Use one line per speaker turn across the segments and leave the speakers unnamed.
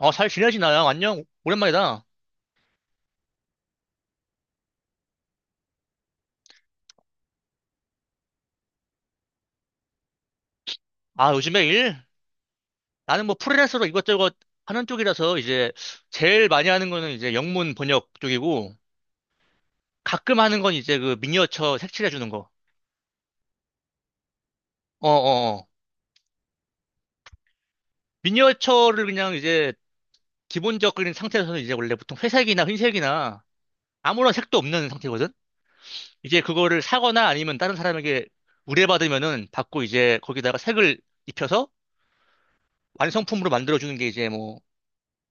어, 잘 지내지, 나야. 안녕. 오랜만이다. 아, 요즘에 일? 나는 뭐 프리랜서로 이것저것 하는 쪽이라서 이제 제일 많이 하는 거는 이제 영문 번역 쪽이고, 가끔 하는 건 이제 그 미니어처 색칠해 주는 거. 어, 어, 어. 미니어처를 그냥 이제 기본적인 상태에서는 이제 원래 보통 회색이나 흰색이나 아무런 색도 없는 상태거든? 이제 그거를 사거나 아니면 다른 사람에게 의뢰받으면은 받고, 이제 거기다가 색을 입혀서 완성품으로 만들어주는 게 이제 뭐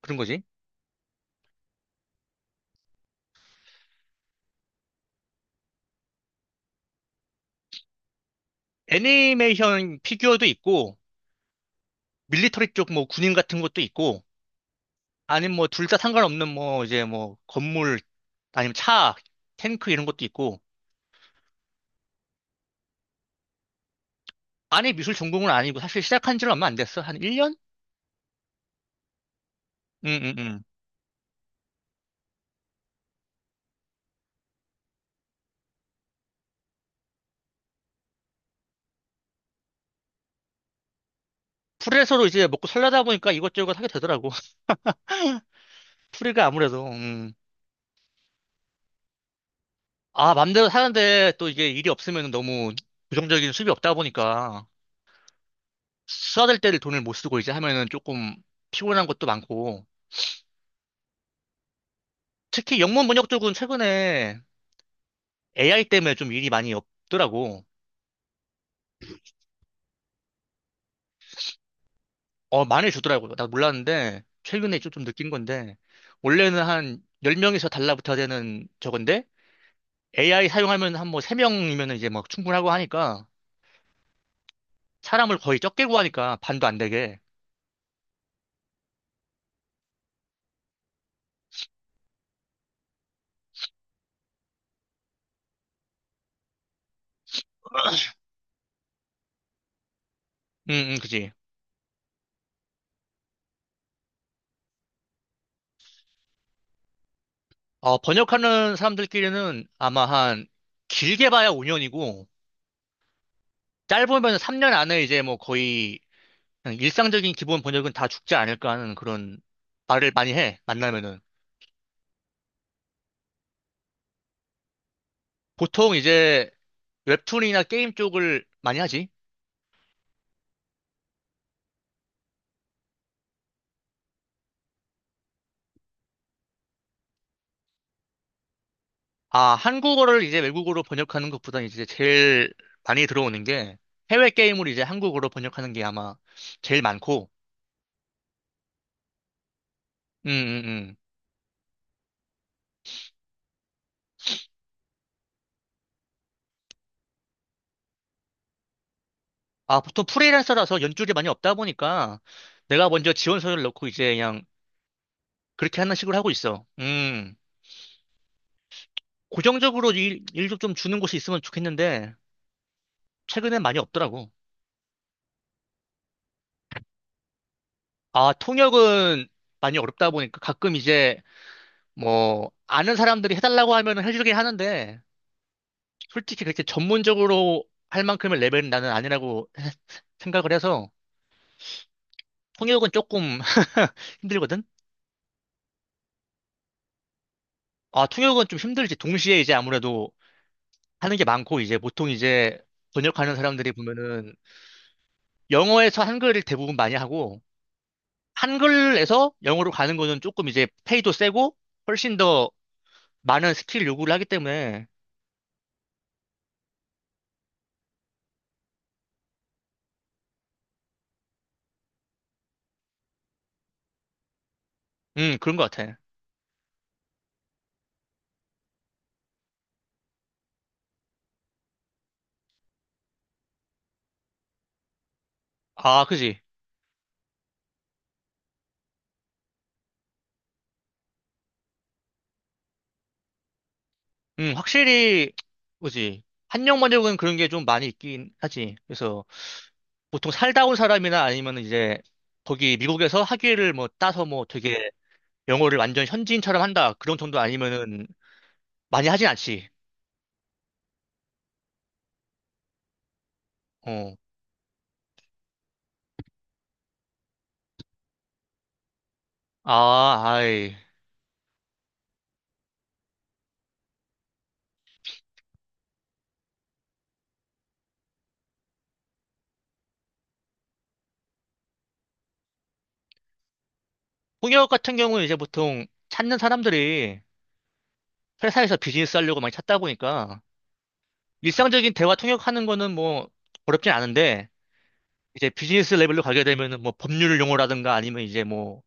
그런 거지. 애니메이션 피규어도 있고, 밀리터리 쪽 뭐 군인 같은 것도 있고, 아니면 뭐 둘 다 상관없는 뭐 이제 뭐 건물 아니면 차, 탱크 이런 것도 있고. 안에 미술 전공은 아니고, 사실 시작한 지는 얼마 안 됐어. 한 1년? 응, 응, 응. 프리랜서로 이제 먹고 살려다 보니까 이것저것 하게 되더라고. 프리가 아무래도 아, 맘대로 사는데 또 이게 일이 없으면 너무 고정적인 수입이 없다 보니까, 써야 될 때를 돈을 못 쓰고 이제 하면은 조금 피곤한 것도 많고. 특히 영문 번역 쪽은 최근에 AI 때문에 좀 일이 많이 없더라고. 어, 많이 주더라고요. 나 몰랐는데, 최근에 좀 느낀 건데, 원래는 한 10명에서 달라붙어야 되는 저건데, AI 사용하면 한 뭐 3명이면 이제 막 충분하고 하니까, 사람을 거의 적게 구하니까, 반도 안 되게. 응, 응, 그지. 어, 번역하는 사람들끼리는 아마 한, 길게 봐야 5년이고, 짧으면 3년 안에 이제 뭐 거의, 그냥 일상적인 기본 번역은 다 죽지 않을까 하는 그런 말을 많이 해, 만나면은. 보통 이제, 웹툰이나 게임 쪽을 많이 하지. 아, 한국어를 이제 외국어로 번역하는 것보다 이제 제일 많이 들어오는 게 해외 게임을 이제 한국어로 번역하는 게 아마 제일 많고, 음, 음, 음. 아, 보통 프리랜서라서 연줄이 많이 없다 보니까 내가 먼저 지원서를 넣고 이제 그냥 그렇게 하는 식으로 하고 있어. 음. 고정적으로 일도 좀 주는 곳이 있으면 좋겠는데 최근엔 많이 없더라고. 아, 통역은 많이 어렵다 보니까 가끔 이제 뭐 아는 사람들이 해달라고 하면 해주긴 하는데, 솔직히 그렇게 전문적으로 할 만큼의 레벨은 나는 아니라고 생각을 해서. 통역은 조금 힘들거든? 아, 통역은 좀 힘들지. 동시에 이제 아무래도 하는 게 많고, 이제 보통 이제 번역하는 사람들이 보면은 영어에서 한글을 대부분 많이 하고, 한글에서 영어로 가는 거는 조금 이제 페이도 세고 훨씬 더 많은 스킬 요구를 하기 때문에. 그런 것 같아. 아, 그지. 확실히, 그지. 한영 번역은 그런 게 좀 많이 있긴 하지. 그래서 보통 살다 온 사람이나 아니면 이제 거기 미국에서 학위를 뭐 따서 뭐 되게 영어를 완전 현지인처럼 한다, 그런 정도 아니면은 많이 하진 않지. 어. 아, 아이. 통역 같은 경우는 이제 보통 찾는 사람들이 회사에서 비즈니스 하려고 많이 찾다 보니까 일상적인 대화 통역하는 거는 뭐 어렵진 않은데, 이제 비즈니스 레벨로 가게 되면은 뭐 법률 용어라든가 아니면 이제 뭐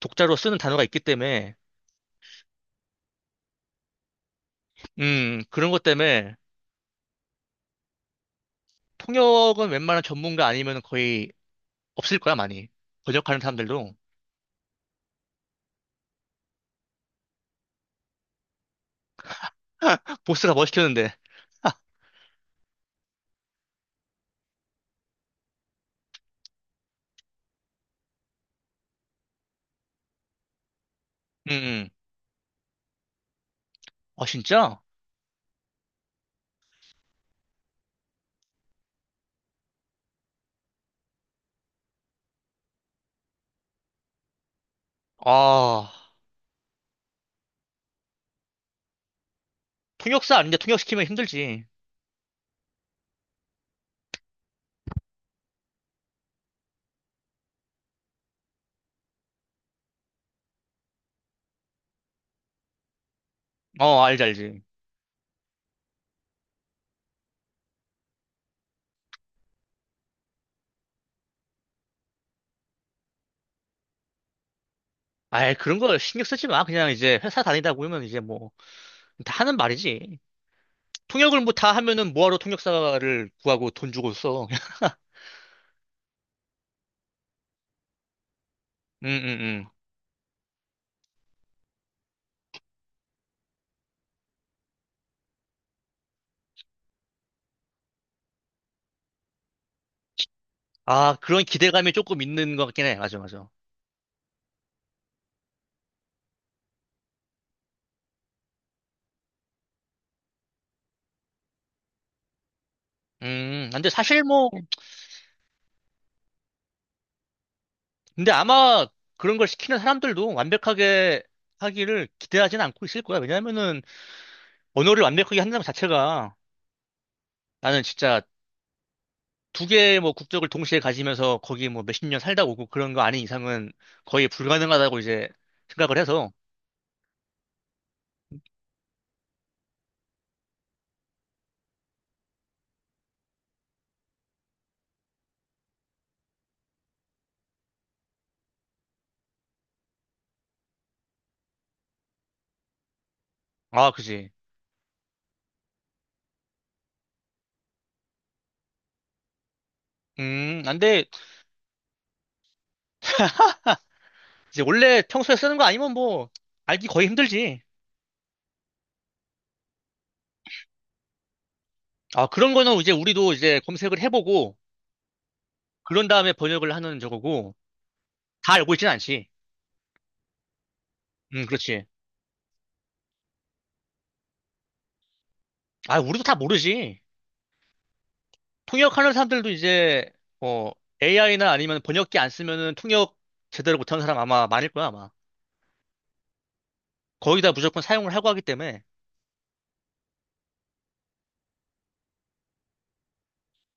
독자로 쓰는 단어가 있기 때문에. 그런 것 때문에 통역은 웬만한 전문가 아니면 거의 없을 거야, 많이. 번역하는 사람들도. 보스가 뭐 시켰는데. 응, 응. 아, 진짜? 아, 통역사 아닌데 통역시키면 힘들지. 어, 알지, 알지. 아이, 그런 거 신경 쓰지 마. 그냥 이제 회사 다니다 보면 이제 뭐, 다 하는 말이지. 통역을 뭐 다 하면은 뭐하러 통역사를 구하고 돈 주고 써. 음, 음, 음. 아, 그런 기대감이 조금 있는 것 같긴 해. 맞아, 맞아. 근데 사실 뭐, 근데 아마 그런 걸 시키는 사람들도 완벽하게 하기를 기대하진 않고 있을 거야. 왜냐면은 언어를 완벽하게 한다는 자체가, 나는 진짜 두 개의 뭐 국적을 동시에 가지면서 거기 뭐 몇십 년 살다 오고 그런 거 아닌 이상은 거의 불가능하다고 이제 생각을 해서. 아, 그지. 음. 안돼. 이제 원래 평소에 쓰는 거 아니면 뭐 알기 거의 힘들지. 아, 그런 거는 이제 우리도 이제 검색을 해보고 그런 다음에 번역을 하는 저거고, 다 알고 있진 않지. 음, 그렇지. 아, 우리도 다 모르지. 통역하는 사람들도 이제, 어, AI나 아니면 번역기 안 쓰면은 통역 제대로 못하는 사람 아마 많을 거야, 아마. 거의 다 무조건 사용을 하고 하기 때문에.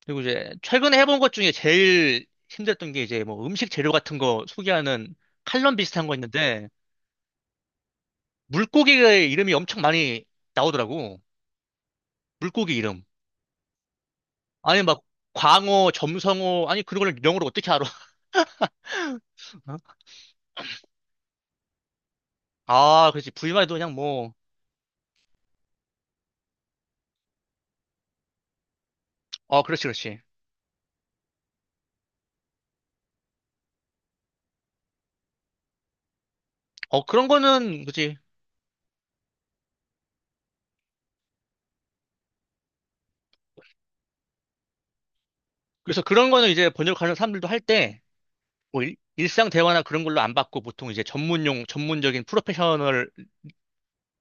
그리고 이제 최근에 해본 것 중에 제일 힘들었던 게 이제 뭐 음식 재료 같은 거 소개하는 칼럼 비슷한 거 있는데, 물고기의 이름이 엄청 많이 나오더라고. 물고기 이름. 아니 막 광어, 점성어, 아니 그런 걸 영어로 어떻게 알아. 아, 그렇지. 부위만 해도 그냥 뭐어, 그렇지, 그렇지. 어, 그런 거는 그지. 그래서 그런 거는 이제 번역하는 사람들도 할 때 뭐 일상 대화나 그런 걸로 안 받고, 보통 이제 전문용 전문적인 프로페셔널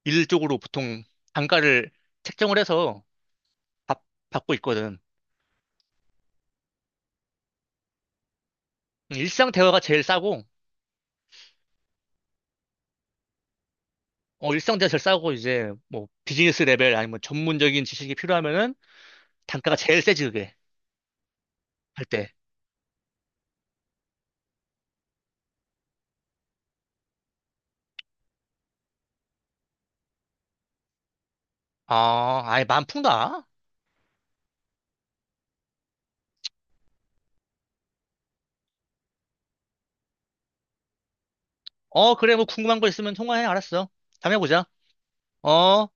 일 쪽으로 보통 단가를 책정을 해서 받, 받고 있거든. 일상 대화가 제일 싸고, 어, 일상 대화 제일 싸고, 이제, 뭐, 비즈니스 레벨 아니면 전문적인 지식이 필요하면은 단가가 제일 세지, 그게. 할 때. 아, 아예 만푼다? 어, 그래, 뭐 궁금한 거 있으면 통화해. 알았어. 다음에 보자. 어.